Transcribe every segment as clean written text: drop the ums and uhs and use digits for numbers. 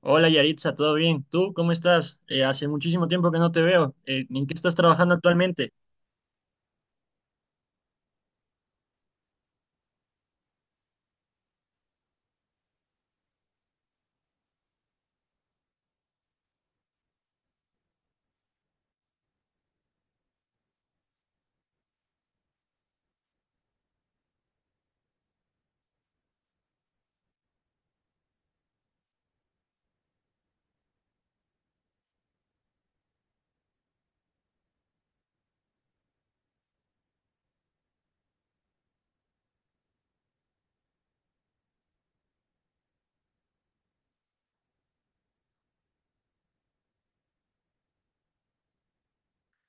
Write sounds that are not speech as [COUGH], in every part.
Hola Yaritza, ¿todo bien? ¿Tú cómo estás? Hace muchísimo tiempo que no te veo. ¿En qué estás trabajando actualmente?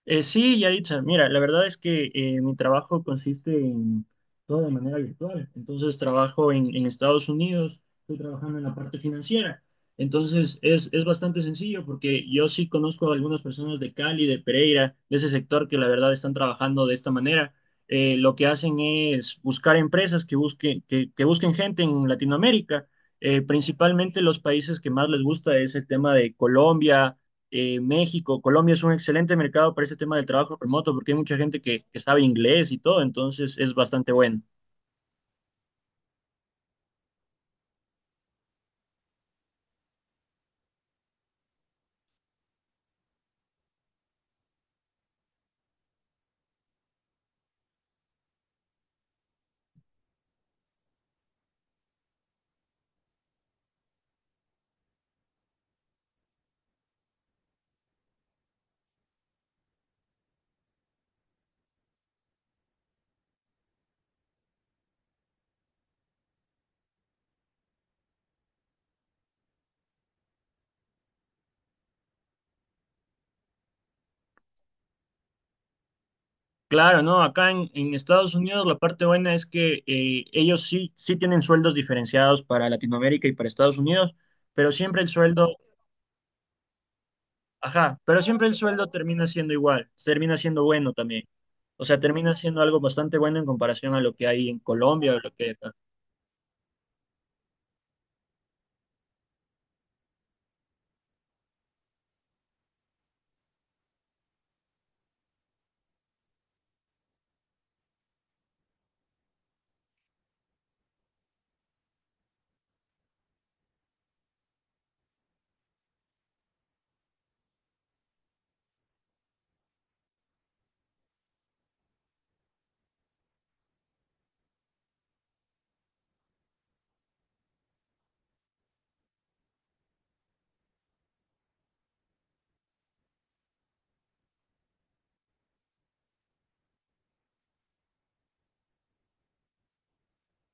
Sí, Yaritza, mira, la verdad es que mi trabajo consiste en todo de manera virtual. Entonces trabajo en Estados Unidos, estoy trabajando en la parte financiera. Entonces es bastante sencillo porque yo sí conozco a algunas personas de Cali, de Pereira, de ese sector que la verdad están trabajando de esta manera. Lo que hacen es buscar empresas que busquen, que busquen gente en Latinoamérica. Principalmente los países que más les gusta es el tema de Colombia, México. Colombia es un excelente mercado para este tema del trabajo remoto porque hay mucha gente que sabe inglés y todo, entonces es bastante bueno. Claro, ¿no? Acá en Estados Unidos la parte buena es que ellos sí, sí tienen sueldos diferenciados para Latinoamérica y para Estados Unidos, pero siempre el sueldo, ajá, pero siempre el sueldo termina siendo igual, termina siendo bueno también. O sea, termina siendo algo bastante bueno en comparación a lo que hay en Colombia o lo que hay acá.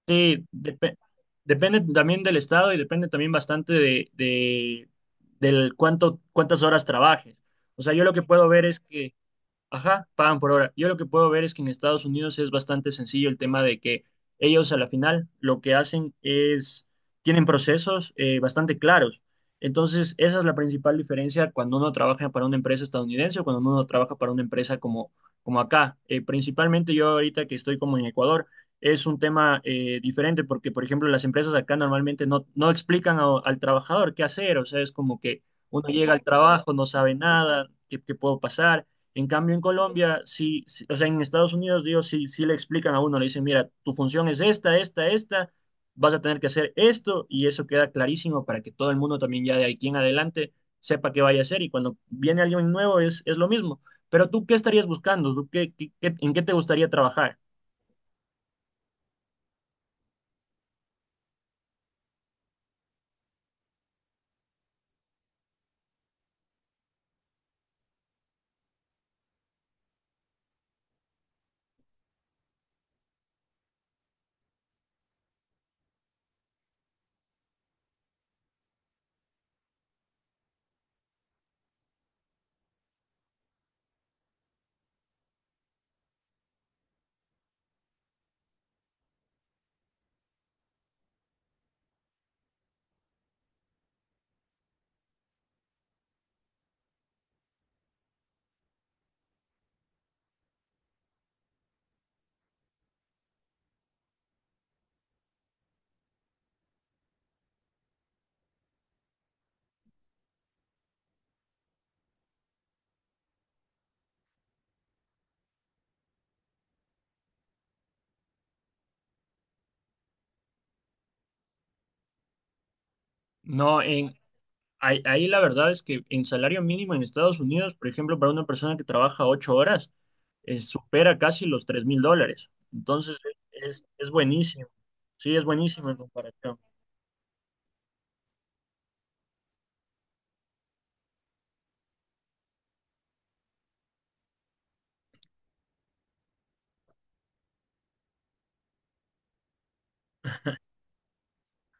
Sí, depe- Depende también del estado y depende también bastante de, del cuánto, cuántas horas trabajes. O sea, yo lo que puedo ver es que ajá, pagan por hora. Yo lo que puedo ver es que en Estados Unidos es bastante sencillo el tema de que ellos a la final lo que hacen es, tienen procesos bastante claros. Entonces, esa es la principal diferencia cuando uno trabaja para una empresa estadounidense o cuando uno trabaja para una empresa como, como acá. Principalmente yo ahorita que estoy como en Ecuador, es un tema diferente porque, por ejemplo, las empresas acá normalmente no, no explican al trabajador qué hacer. O sea, es como que uno llega al trabajo, no sabe nada, qué qué puedo pasar. En cambio, en Colombia, o sea, en Estados Unidos, digo, sí, sí le explican a uno, le dicen, mira, tu función es esta, esta, esta, vas a tener que hacer esto, y eso queda clarísimo para que todo el mundo también ya de aquí en adelante sepa qué vaya a hacer, y cuando viene alguien nuevo es lo mismo. Pero tú, ¿qué estarías buscando? ¿Tú en qué te gustaría trabajar? No, en, ahí, ahí la verdad es que en salario mínimo en Estados Unidos, por ejemplo, para una persona que trabaja 8 horas, supera casi los $3000. Entonces, es buenísimo. Sí, es buenísimo en comparación.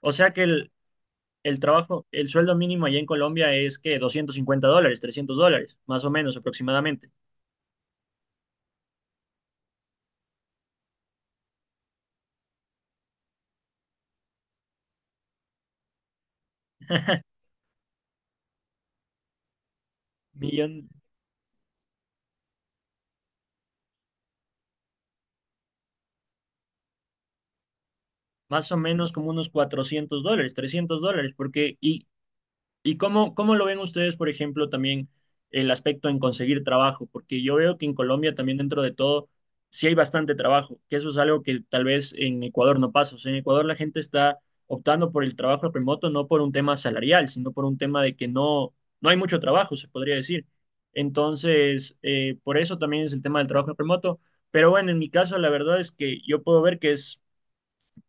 O sea que el trabajo, el sueldo mínimo allá en Colombia es que $250, $300, más o menos aproximadamente. Millón, más o menos como unos $400, $300, porque, y, ¿y cómo, cómo lo ven ustedes, por ejemplo, también el aspecto en conseguir trabajo? Porque yo veo que en Colombia también dentro de todo sí hay bastante trabajo, que eso es algo que tal vez en Ecuador no pasa. O sea, en Ecuador la gente está optando por el trabajo remoto no por un tema salarial, sino por un tema de que no, no hay mucho trabajo, se podría decir. Entonces, por eso también es el tema del trabajo remoto. Pero bueno, en mi caso, la verdad es que yo puedo ver que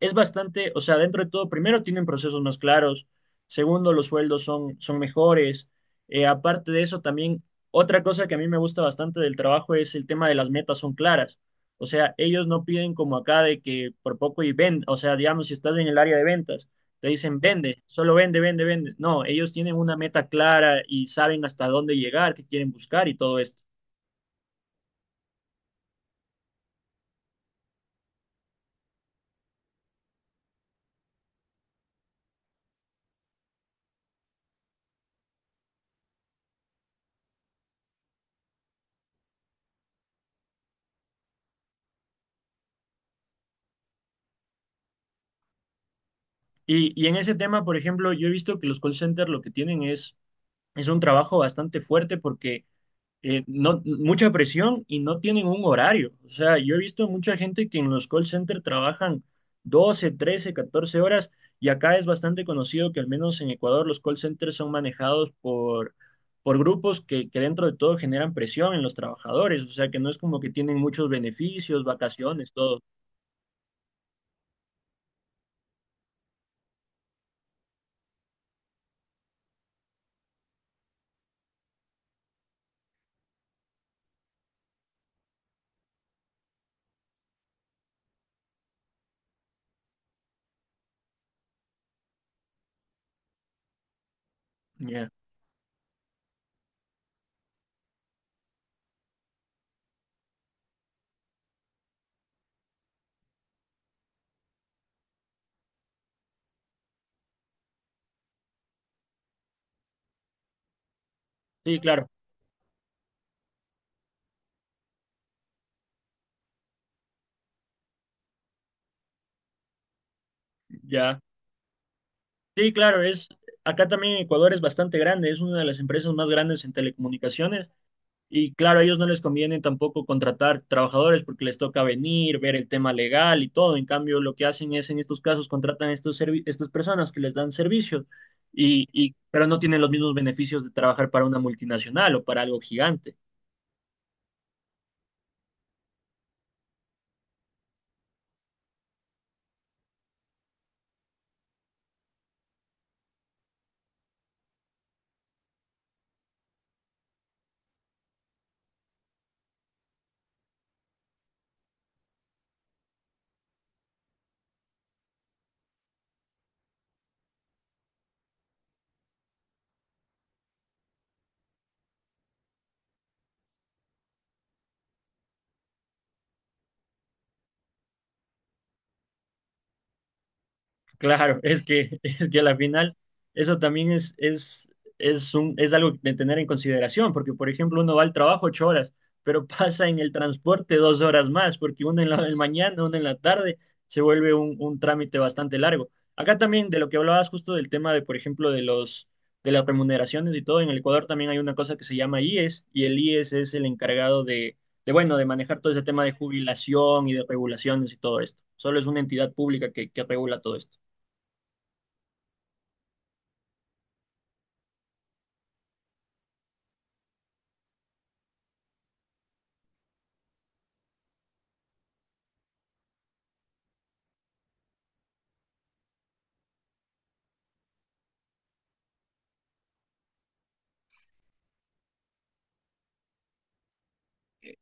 es bastante, o sea, dentro de todo, primero tienen procesos más claros, segundo, los sueldos son mejores. Aparte de eso, también otra cosa que a mí me gusta bastante del trabajo es el tema de las metas son claras. O sea, ellos no piden como acá de que por poco y vende, o sea, digamos, si estás en el área de ventas, te dicen vende, solo vende, vende, vende. No, ellos tienen una meta clara y saben hasta dónde llegar, qué quieren buscar y todo esto. Y en ese tema, por ejemplo, yo he visto que los call centers lo que tienen es un trabajo bastante fuerte porque no, mucha presión y no tienen un horario. O sea, yo he visto mucha gente que en los call centers trabajan 12, 13, 14 horas y acá es bastante conocido que al menos en Ecuador los call centers son manejados por grupos que dentro de todo generan presión en los trabajadores. O sea, que no es como que tienen muchos beneficios, vacaciones, todo. Ya. Sí, claro, ya. Sí, claro, es... Acá también en Ecuador es bastante grande, es una de las empresas más grandes en telecomunicaciones. Y claro, a ellos no les conviene tampoco contratar trabajadores porque les toca venir, ver el tema legal y todo. En cambio, lo que hacen es, en estos casos, contratan a estos estas personas que les dan servicios, y, pero no tienen los mismos beneficios de trabajar para una multinacional o para algo gigante. Claro, es que, [LAUGHS] es que a la final eso también es algo de tener en consideración, porque por ejemplo uno va al trabajo 8 horas, pero [LAUGHS] pasa en el transporte 2 horas más, porque una en la mañana, una en la tarde, se vuelve un trámite bastante largo. Acá también de lo que hablabas justo del tema de, por ejemplo, de las remuneraciones y todo, en el Ecuador también hay una cosa que se llama IES, y el IES es el encargado de, bueno, de manejar todo ese tema de jubilación y de regulaciones y todo esto. Solo es una entidad pública que regula todo esto.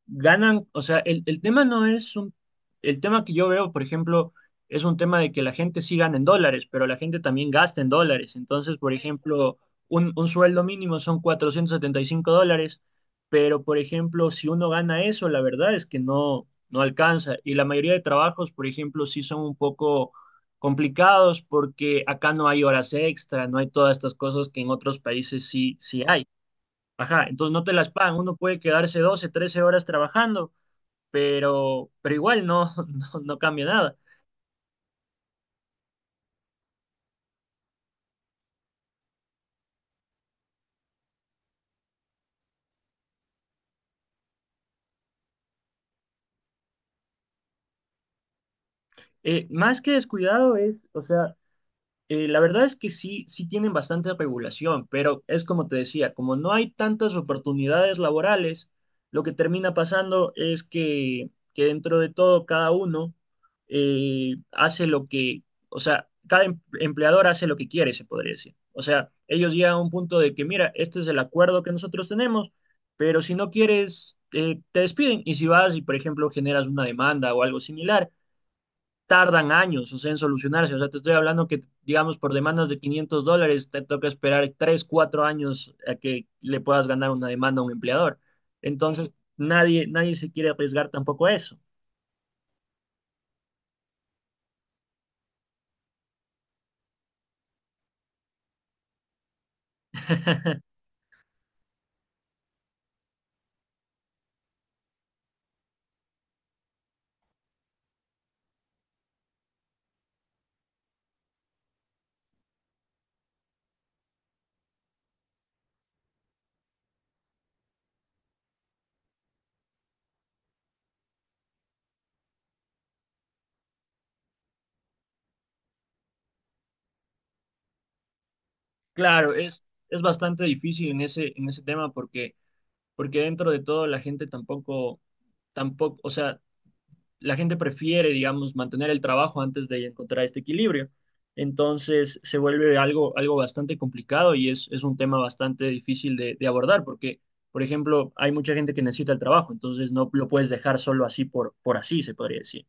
Ganan, o sea, el tema no es el tema que yo veo, por ejemplo, es un tema de que la gente sí gana en dólares, pero la gente también gasta en dólares. Entonces, por ejemplo, un sueldo mínimo son $475, pero por ejemplo, si uno gana eso, la verdad es que no, no alcanza. Y la mayoría de trabajos, por ejemplo, sí son un poco complicados porque acá no hay horas extra, no hay todas estas cosas que en otros países sí, sí hay. Ajá, entonces no te las pagan, uno puede quedarse 12, 13 horas trabajando, pero igual no, [LAUGHS] no, no cambia nada. Más que descuidado es, o sea, la verdad es que sí, sí tienen bastante regulación, pero es como te decía, como no hay tantas oportunidades laborales, lo que termina pasando es que dentro de todo cada uno hace lo que, o sea, cada empleador hace lo que quiere, se podría decir. O sea, ellos llegan a un punto de que, mira, este es el acuerdo que nosotros tenemos, pero si no quieres, te despiden. Y si vas y, por ejemplo, generas una demanda o algo similar, tardan años, o sea, en solucionarse. O sea, te estoy hablando que, digamos, por demandas de $500, te toca esperar 3, 4 años a que le puedas ganar una demanda a un empleador. Entonces, nadie, nadie se quiere arriesgar tampoco a eso. Claro, es bastante difícil en ese tema porque, porque dentro de todo la gente tampoco, tampoco, o sea, la gente prefiere, digamos, mantener el trabajo antes de encontrar este equilibrio. Entonces se vuelve algo, algo bastante complicado y es un tema bastante difícil de abordar porque, por ejemplo, hay mucha gente que necesita el trabajo, entonces no lo puedes dejar solo así por así, se podría decir.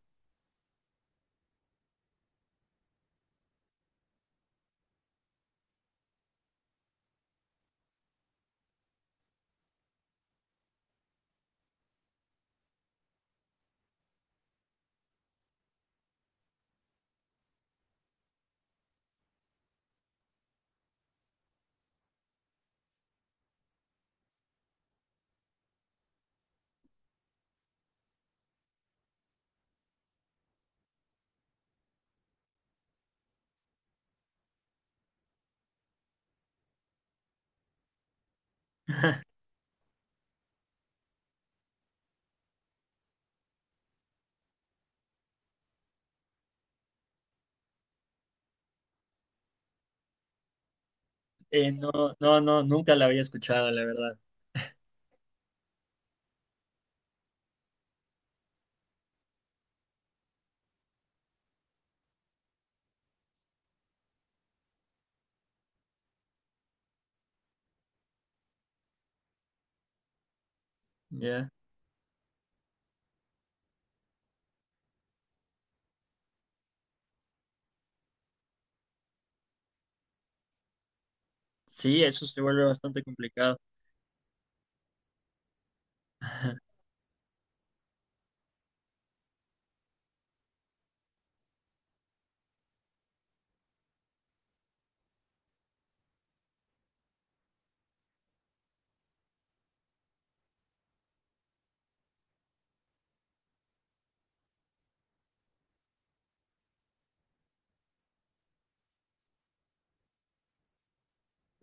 No, no, no, nunca la había escuchado, la verdad. ¿Ya? Sí, eso se vuelve bastante complicado. [LAUGHS]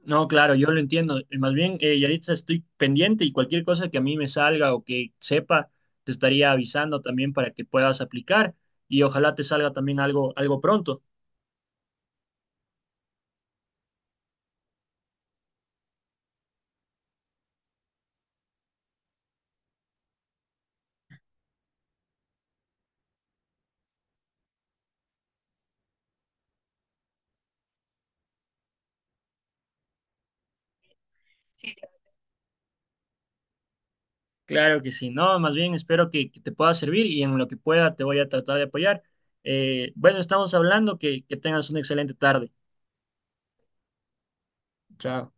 No, claro, yo lo entiendo. Y más bien, Yaritza, estoy pendiente y cualquier cosa que a mí me salga o que sepa, te estaría avisando también para que puedas aplicar y ojalá te salga también algo, algo pronto. Sí. Claro que sí, no, más bien espero que te pueda servir y en lo que pueda te voy a tratar de apoyar. Bueno, estamos hablando, que tengas una excelente tarde. Chao.